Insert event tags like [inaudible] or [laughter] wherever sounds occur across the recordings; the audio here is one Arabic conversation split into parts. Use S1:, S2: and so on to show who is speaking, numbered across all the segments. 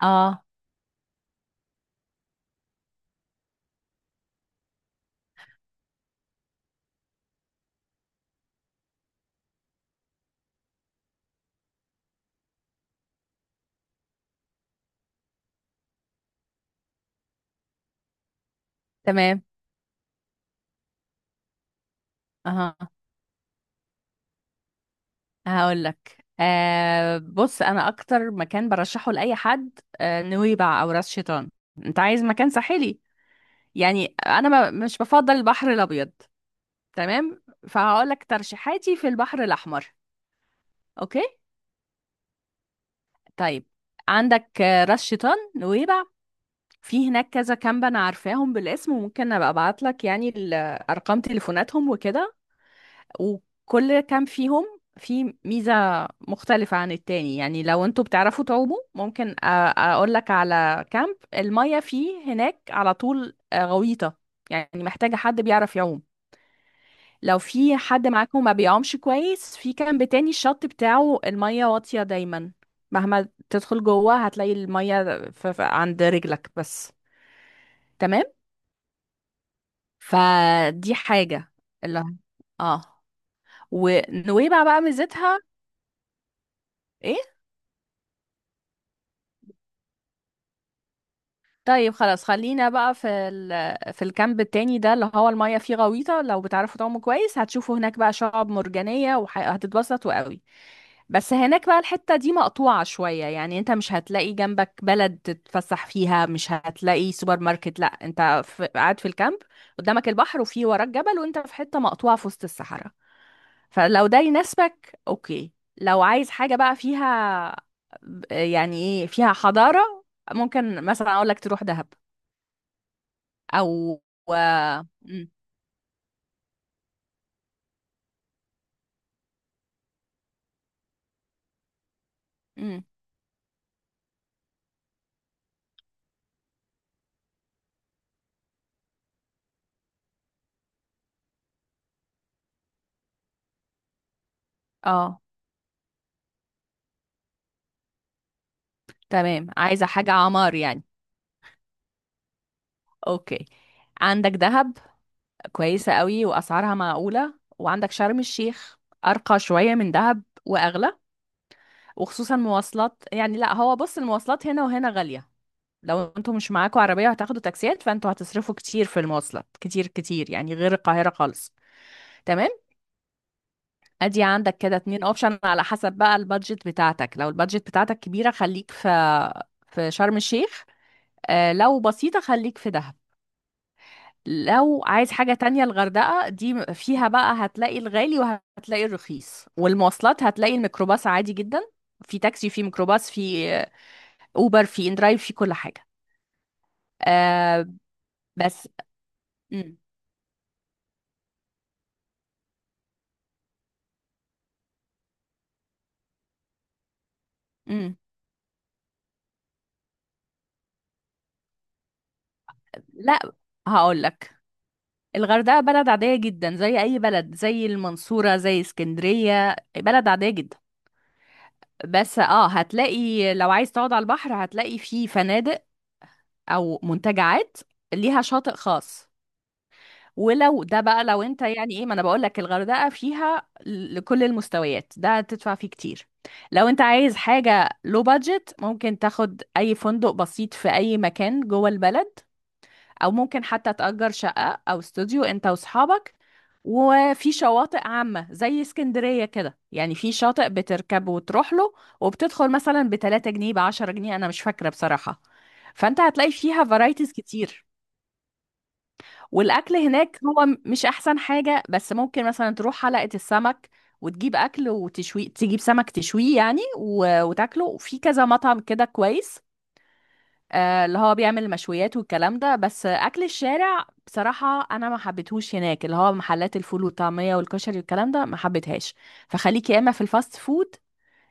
S1: اه. تمام. اها. هقول لك بص، انا اكتر مكان برشحه لاي حد نويبع او راس شيطان. انت عايز مكان ساحلي؟ يعني انا ما مش بفضل البحر الابيض. تمام. فهقول لك ترشيحاتي في البحر الاحمر. اوكي. طيب. عندك راس شيطان، نويبع. في هناك كذا كامب انا عارفاهم بالاسم، وممكن ابقى ابعت لك يعني ارقام تليفوناتهم وكده. وكل كام فيهم في ميزة مختلفة عن التاني. يعني لو انتوا بتعرفوا تعوموا ممكن اقول لك على كامب المية فيه هناك على طول غويطة. يعني محتاجة حد بيعرف يعوم. لو في حد معاكم ما بيعومش كويس، في كامب تاني الشط بتاعه المية واطية دايما، مهما تدخل جوه هتلاقي المية عند رجلك بس. تمام. فدي حاجة اللي اه. ونويبع بقى ميزتها ايه؟ طيب. خلاص، خلينا بقى في الكامب التاني ده اللي هو المية فيه غويطة. لو بتعرفوا تعوموا كويس هتشوفوا هناك بقى شعاب مرجانية، وهتتبسطوا قوي. بس هناك بقى الحتة دي مقطوعة شوية، يعني انت مش هتلاقي جنبك بلد تتفسح فيها، مش هتلاقي سوبر ماركت، لا، انت قاعد في الكامب، قدامك البحر وفي وراك جبل، وانت في حتة مقطوعة في وسط الصحراء. فلو ده يناسبك اوكي. لو عايز حاجة بقى فيها يعني ايه، فيها حضارة، ممكن مثلا اقول لك تروح دهب او و... مم. مم. اه. تمام. عايزه حاجه عمار يعني. اوكي. عندك دهب، كويسه قوي واسعارها معقوله. وعندك شرم الشيخ، ارقى شويه من دهب واغلى، وخصوصا مواصلات. يعني لا، هو بص، المواصلات هنا وهنا غاليه. لو انتوا مش معاكوا عربيه وهتاخدوا تاكسيات، فانتوا هتصرفوا كتير في المواصلات، كتير كتير يعني، غير القاهره خالص. تمام. ادي عندك كده اتنين اوبشن على حسب بقى البادجت بتاعتك. لو البادجت بتاعتك كبيرة، خليك في شرم الشيخ. لو بسيطة خليك في دهب. لو عايز حاجة تانية، الغردقة دي فيها بقى هتلاقي الغالي وهتلاقي الرخيص. والمواصلات هتلاقي الميكروباص عادي جدا، في تاكسي، في ميكروباص، في اوبر، في اندرايف، في كل حاجة. آه. بس. مم. مم. لا، هقول لك، الغردقة بلد عادية جدا زي أي بلد، زي المنصورة، زي اسكندرية، بلد عادية جدا. بس هتلاقي، لو عايز تقعد على البحر هتلاقي فيه فنادق او منتجعات ليها شاطئ خاص. ولو ده بقى، لو انت يعني ايه، ما انا بقول لك الغردقه فيها لكل المستويات، ده تدفع فيه كتير. لو انت عايز حاجه، لو بادجت، ممكن تاخد اي فندق بسيط في اي مكان جوه البلد، او ممكن حتى تأجر شقة او استوديو انت واصحابك. وفي شواطئ عامة زي اسكندرية كده، يعني في شاطئ بتركب وتروح له، وبتدخل مثلا بتلاتة جنيه، بعشرة جنيه، انا مش فاكرة بصراحة. فانت هتلاقي فيها فرايتيز كتير. والاكل هناك هو مش احسن حاجة، بس ممكن مثلا تروح حلقة السمك وتجيب اكل وتشوي، تجيب سمك تشويه يعني وتاكله، وفي كذا مطعم كده كويس، اللي هو بيعمل المشويات والكلام ده. بس اكل الشارع بصراحه انا ما حبيتهوش هناك، اللي هو محلات الفول والطعميه والكشري والكلام ده ما حبيتهاش. فخليك يا اما في الفاست فود،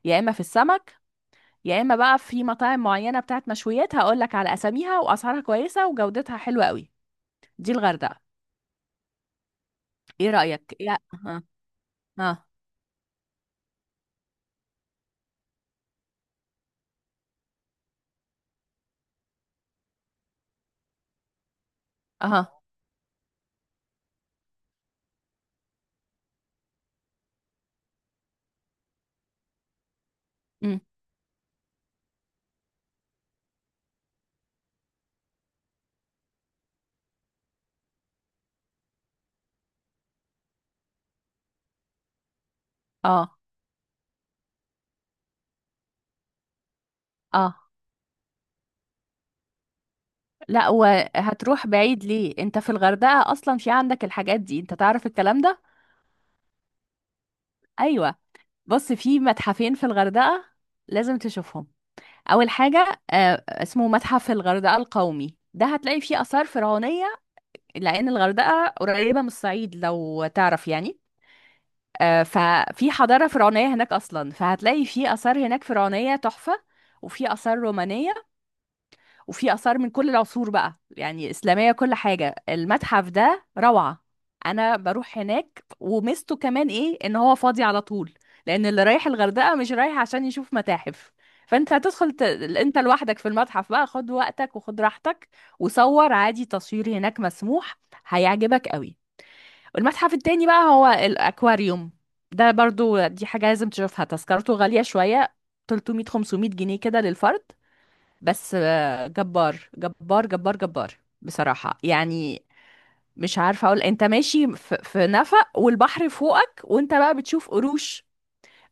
S1: يا اما في السمك، يا اما بقى في مطاعم معينه بتاعت مشويات، هقول لك على اساميها، واسعارها كويسه وجودتها حلوه قوي. دي الغردقه. ايه رايك يا اه. اه. اه. أمم. اه. اه. لا، وهتروح بعيد ليه؟ انت في الغردقه اصلا في عندك الحاجات دي، انت تعرف الكلام ده. ايوه. بص، في متحفين في الغردقة لازم تشوفهم. أول حاجة اسمه متحف الغردقة القومي، ده هتلاقي فيه آثار فرعونية، لأن الغردقة قريبة من الصعيد لو تعرف يعني. ففي حضارة فرعونية هناك أصلا، فهتلاقي فيه آثار هناك فرعونية تحفة. وفي آثار رومانية، وفي آثار من كل العصور بقى يعني، إسلامية، كل حاجة. المتحف ده روعة، أنا بروح هناك. وميزته كمان إيه، إن هو فاضي على طول، لأن اللي رايح الغردقة مش رايح عشان يشوف متاحف. فأنت هتدخل، أنت لوحدك في المتحف بقى، خد وقتك وخد راحتك، وصور عادي، تصوير هناك مسموح. هيعجبك قوي. المتحف التاني بقى هو الأكواريوم. ده برضو دي حاجة لازم تشوفها، تذكرته غالية شوية، 300 500 جنيه كده للفرد. بس جبار جبار جبار جبار بصراحة يعني. مش عارفة أقول، أنت ماشي في نفق والبحر فوقك، وأنت بقى بتشوف قروش،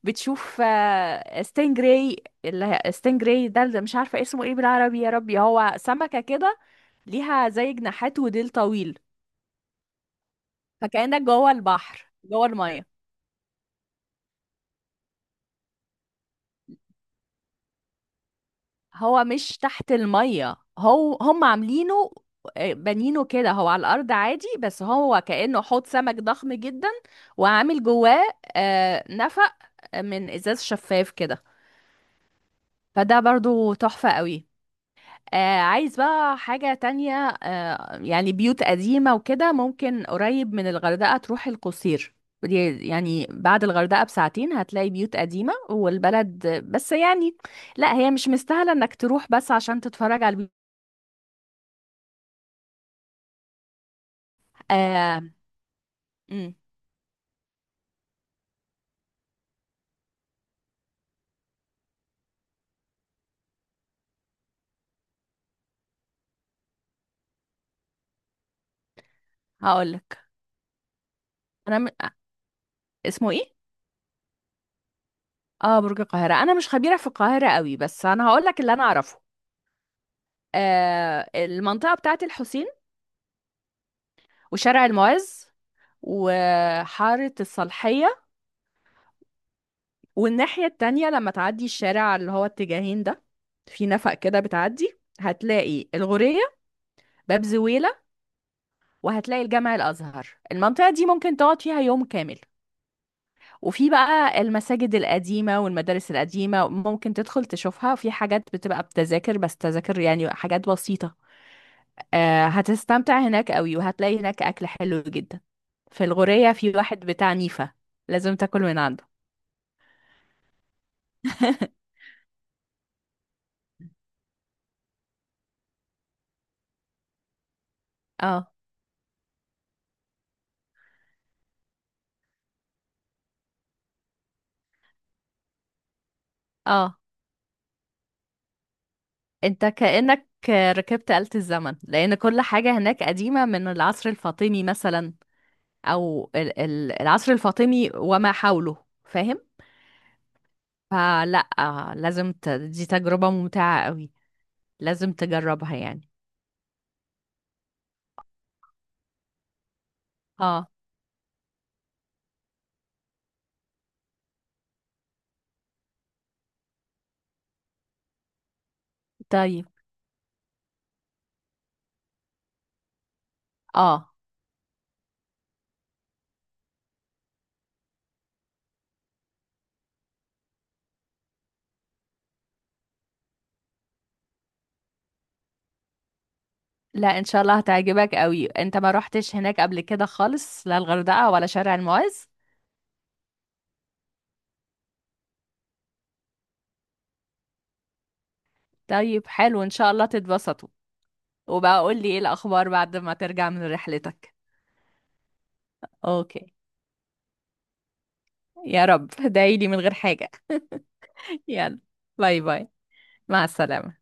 S1: بتشوف ستينجراي، اللي هي ستينجراي ده اللي مش عارفة اسمه ايه بالعربي يا ربي. هو سمكة كده، ليها زي جناحات وديل طويل. فكأنك جوه البحر جوه المية. هو مش تحت المية، هو هم عاملينه بانينه كده، هو على الأرض عادي، بس هو كأنه حوض سمك ضخم جدا، وعامل جواه نفق من إزاز شفاف كده. فده برضو تحفة قوي. عايز بقى حاجة تانية، يعني بيوت قديمة وكده، ممكن قريب من الغردقة تروح القصير، يعني بعد الغردقة بساعتين هتلاقي بيوت قديمة والبلد، بس يعني لا، هي مش مستاهلة انك تروح بس عشان تتفرج على البيوت. آه امم هقولك انا م... اسمه ايه؟ اه. برج القاهره، انا مش خبيره في القاهره قوي، بس انا هقولك اللي انا اعرفه. المنطقه بتاعه الحسين، وشارع المعز، وحاره الصالحيه، والناحيه التانية لما تعدي الشارع اللي هو اتجاهين ده، في نفق كده بتعدي، هتلاقي الغورية، باب زويلة، وهتلاقي الجامع الأزهر. المنطقة دي ممكن تقعد فيها يوم كامل. وفي بقى المساجد القديمة والمدارس القديمة ممكن تدخل تشوفها، وفي حاجات بتبقى بتذاكر، بس تذاكر يعني، حاجات بسيطة. هتستمتع هناك قوي، وهتلاقي هناك أكل حلو جدا. في الغورية في واحد بتاع نيفة، لازم تاكل من عنده. [laughs] اه. اه. انت كأنك ركبت آلة الزمن، لأن كل حاجة هناك قديمة من العصر الفاطمي مثلا، أو العصر الفاطمي وما حوله. فاهم؟ فلا، دي تجربة ممتعة قوي، لازم تجربها يعني. اه. طيب. اه. لا، ان شاء الله هتعجبك قوي. انت ما روحتش هناك قبل كده خالص، لا الغردقة ولا شارع المعز. طيب، حلو، ان شاء الله تتبسطوا. وبقى قول لي ايه الاخبار بعد ما ترجع من رحلتك. اوكي. يا رب دعيلي من غير حاجة. [laughs] يلا. باي باي. مع السلامة.